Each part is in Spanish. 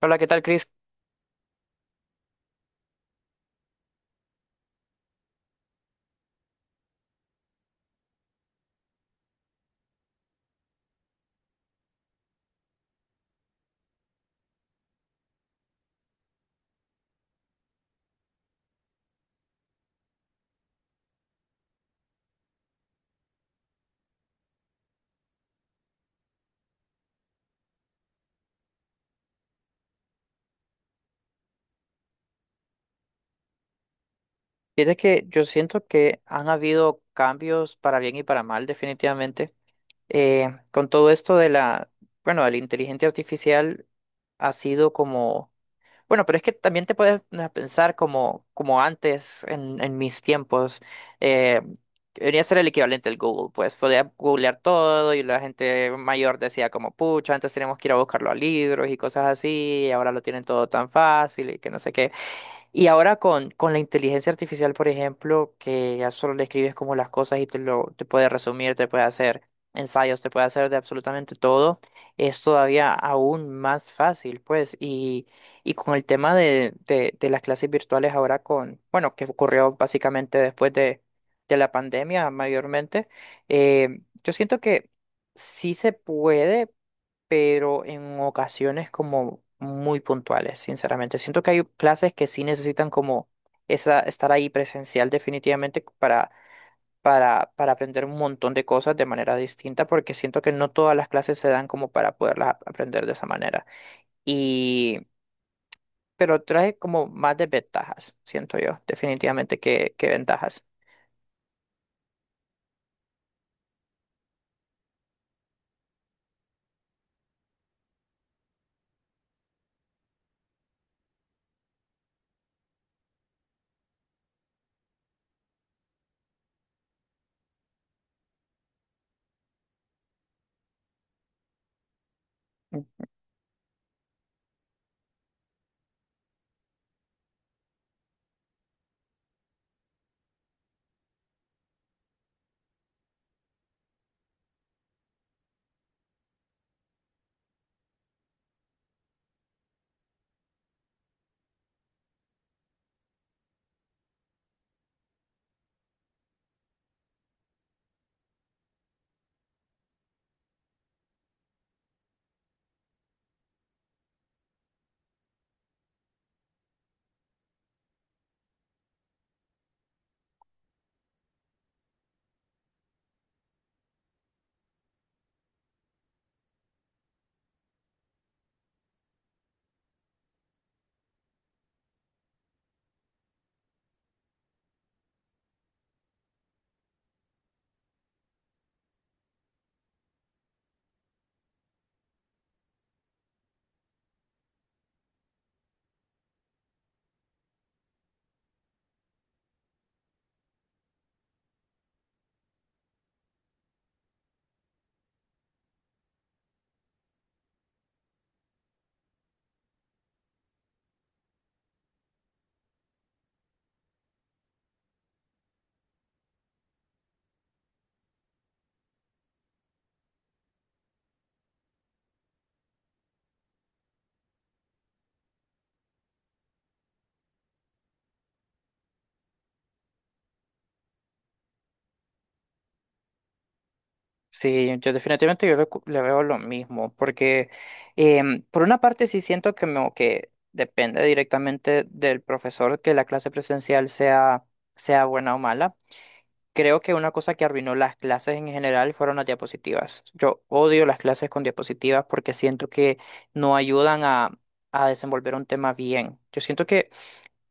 Hola, ¿qué tal, Chris? Fíjate que yo siento que han habido cambios para bien y para mal, definitivamente. Con todo esto de bueno, de la inteligencia artificial ha sido como, bueno, pero es que también te puedes pensar como, como antes, en mis tiempos, eh, venía a ser el equivalente al Google, pues podía googlear todo y la gente mayor decía como, pucha, antes teníamos que ir a buscarlo a libros y cosas así, y ahora lo tienen todo tan fácil y que no sé qué. Y ahora con la inteligencia artificial, por ejemplo, que ya solo le escribes como las cosas y te puede resumir, te puede hacer ensayos, te puede hacer de absolutamente todo, es todavía aún más fácil, pues. Y con el tema de las clases virtuales ahora con, bueno, que ocurrió básicamente después de la pandemia mayormente. Yo siento que sí se puede, pero en ocasiones como muy puntuales, sinceramente. Siento que hay clases que sí necesitan como esa, estar ahí presencial definitivamente para aprender un montón de cosas de manera distinta, porque siento que no todas las clases se dan como para poderlas aprender de esa manera. Y, pero trae como más desventajas, siento yo, definitivamente que ventajas. Sí, yo definitivamente yo le veo lo mismo, porque por una parte sí siento que depende directamente del profesor que la clase presencial sea buena o mala. Creo que una cosa que arruinó las clases en general fueron las diapositivas. Yo odio las clases con diapositivas porque siento que no ayudan a desenvolver un tema bien. Yo siento que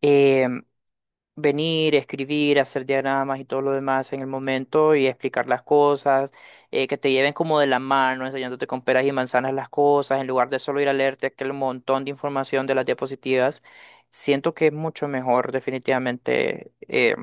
em, venir, escribir, hacer diagramas y todo lo demás en el momento y explicar las cosas, que te lleven como de la mano, enseñándote con peras y manzanas las cosas, en lugar de solo ir a leerte aquel montón de información de las diapositivas, siento que es mucho mejor definitivamente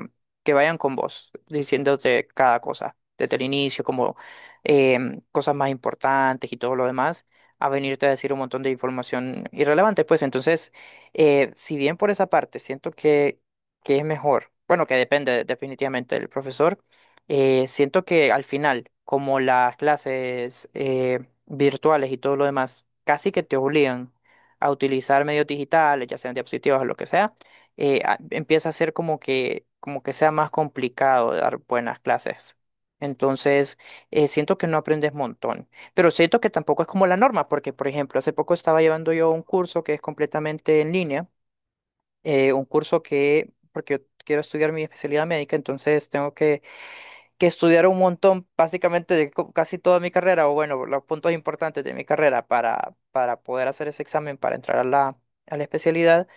que vayan con vos, diciéndote cada cosa, desde el inicio, como cosas más importantes y todo lo demás, a venirte a decir un montón de información irrelevante, pues entonces, si bien por esa parte siento que, ¿qué es mejor? Bueno, que depende definitivamente del profesor. Siento que al final, como las clases virtuales y todo lo demás, casi que te obligan a utilizar medios digitales, ya sean diapositivas o lo que sea, empieza a ser como que sea más complicado dar buenas clases. Entonces, siento que no aprendes montón, pero siento que tampoco es como la norma, porque, por ejemplo, hace poco estaba llevando yo un curso que es completamente en línea. Un curso que, porque yo quiero estudiar mi especialidad médica, entonces tengo que estudiar un montón, básicamente de casi toda mi carrera, o bueno, los puntos importantes de mi carrera para poder hacer ese examen, para entrar a a la especialidad.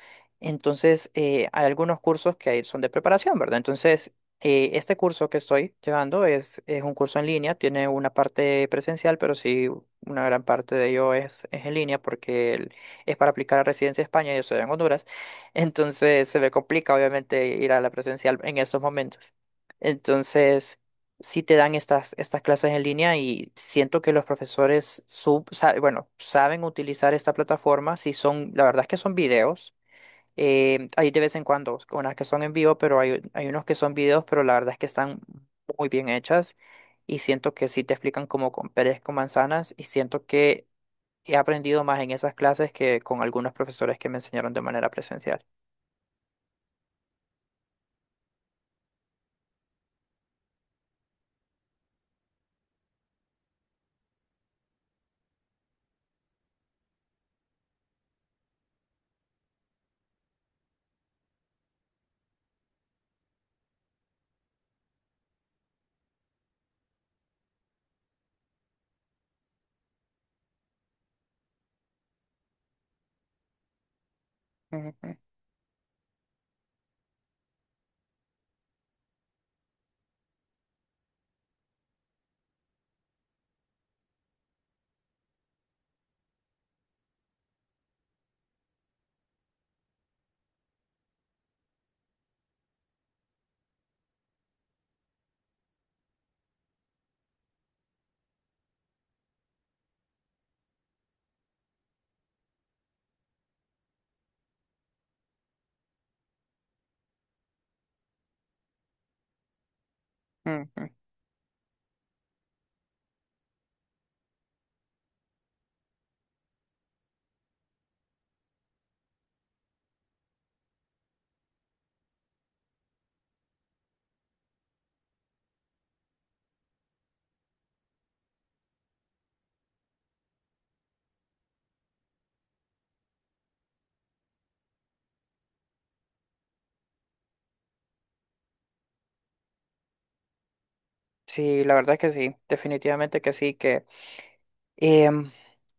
Entonces, hay algunos cursos que ahí son de preparación, ¿verdad? Entonces, este curso que estoy llevando es un curso en línea, tiene una parte presencial, pero sí una gran parte de ello es en línea porque es para aplicar a residencia de España, yo soy en Honduras, entonces se me complica obviamente ir a la presencial en estos momentos. Entonces, sí te dan estas clases en línea y siento que los profesores bueno, saben utilizar esta plataforma. Si son, la verdad es que son videos. Eh, hay de vez en cuando unas que son en vivo, pero hay unos que son videos, pero la verdad es que están muy bien hechas y siento que sí te explican como con peras con manzanas y siento que he aprendido más en esas clases que con algunos profesores que me enseñaron de manera presencial. Ujú, ujú. Sí, la verdad es que sí, definitivamente que sí, que... em,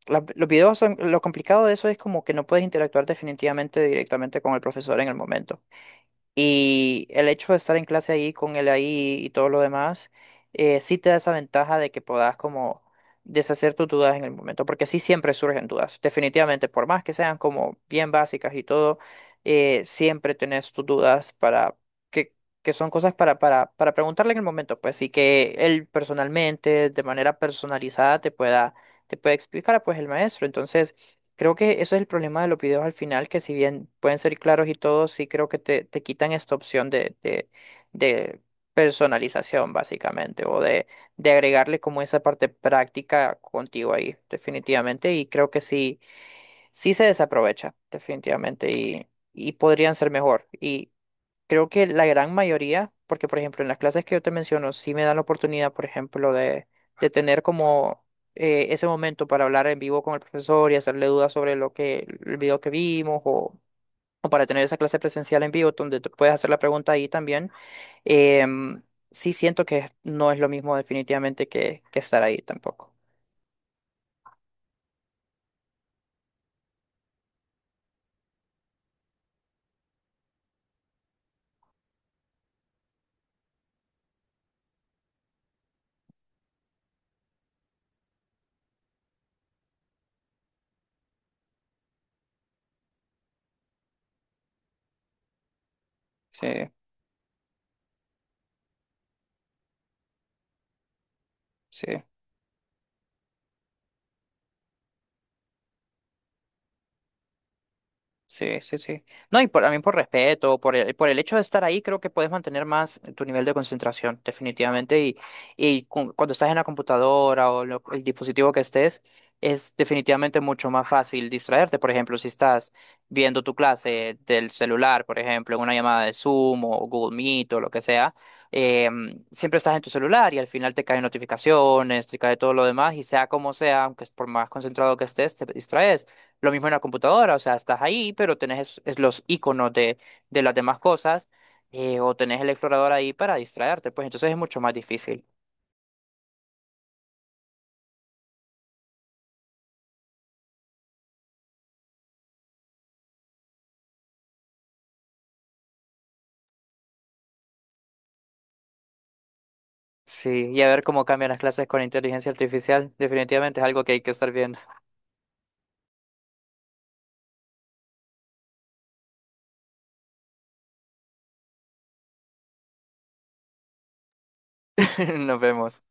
los videos son, lo complicado de eso es como que no puedes interactuar definitivamente directamente con el profesor en el momento. Y el hecho de estar en clase ahí con él ahí y todo lo demás, sí te da esa ventaja de que puedas como deshacer tus dudas en el momento, porque sí siempre surgen dudas, definitivamente, por más que sean como bien básicas y todo, siempre tenés tus dudas para que, que son cosas para preguntarle en el momento, pues, y que él personalmente, de manera personalizada, te puede explicar, pues, el maestro. Entonces, creo que eso es el problema de los videos al final, que si bien pueden ser claros y todo, sí creo que te quitan esta opción de personalización, básicamente, o de agregarle como esa parte práctica contigo ahí, definitivamente. Y creo que sí, sí se desaprovecha, definitivamente, y podrían ser mejor. Creo que la gran mayoría, porque por ejemplo en las clases que yo te menciono, sí me dan la oportunidad, por ejemplo, de tener como ese momento para hablar en vivo con el profesor y hacerle dudas sobre lo que, el video que vimos o para tener esa clase presencial en vivo donde tú puedes hacer la pregunta ahí también. em, sí siento que no es lo mismo definitivamente que estar ahí tampoco. Sí, sí. Sí, sí, sí. No, y por, también por respeto, por el hecho de estar ahí, creo que puedes mantener más tu nivel de concentración, definitivamente. Y cuando estás en la computadora o el dispositivo que estés, es definitivamente mucho más fácil distraerte. Por ejemplo, si estás viendo tu clase del celular, por ejemplo, en una llamada de Zoom o Google Meet o lo que sea, eh, siempre estás en tu celular y al final te caen notificaciones, te cae todo lo demás y sea como sea, aunque es por más concentrado que estés, te distraes. Lo mismo en la computadora, o sea, estás ahí, pero tenés es los iconos de las demás cosas, o tenés el explorador ahí para distraerte, pues entonces es mucho más difícil. Sí, y a ver cómo cambian las clases con inteligencia artificial, definitivamente es algo que hay que estar viendo. Nos vemos.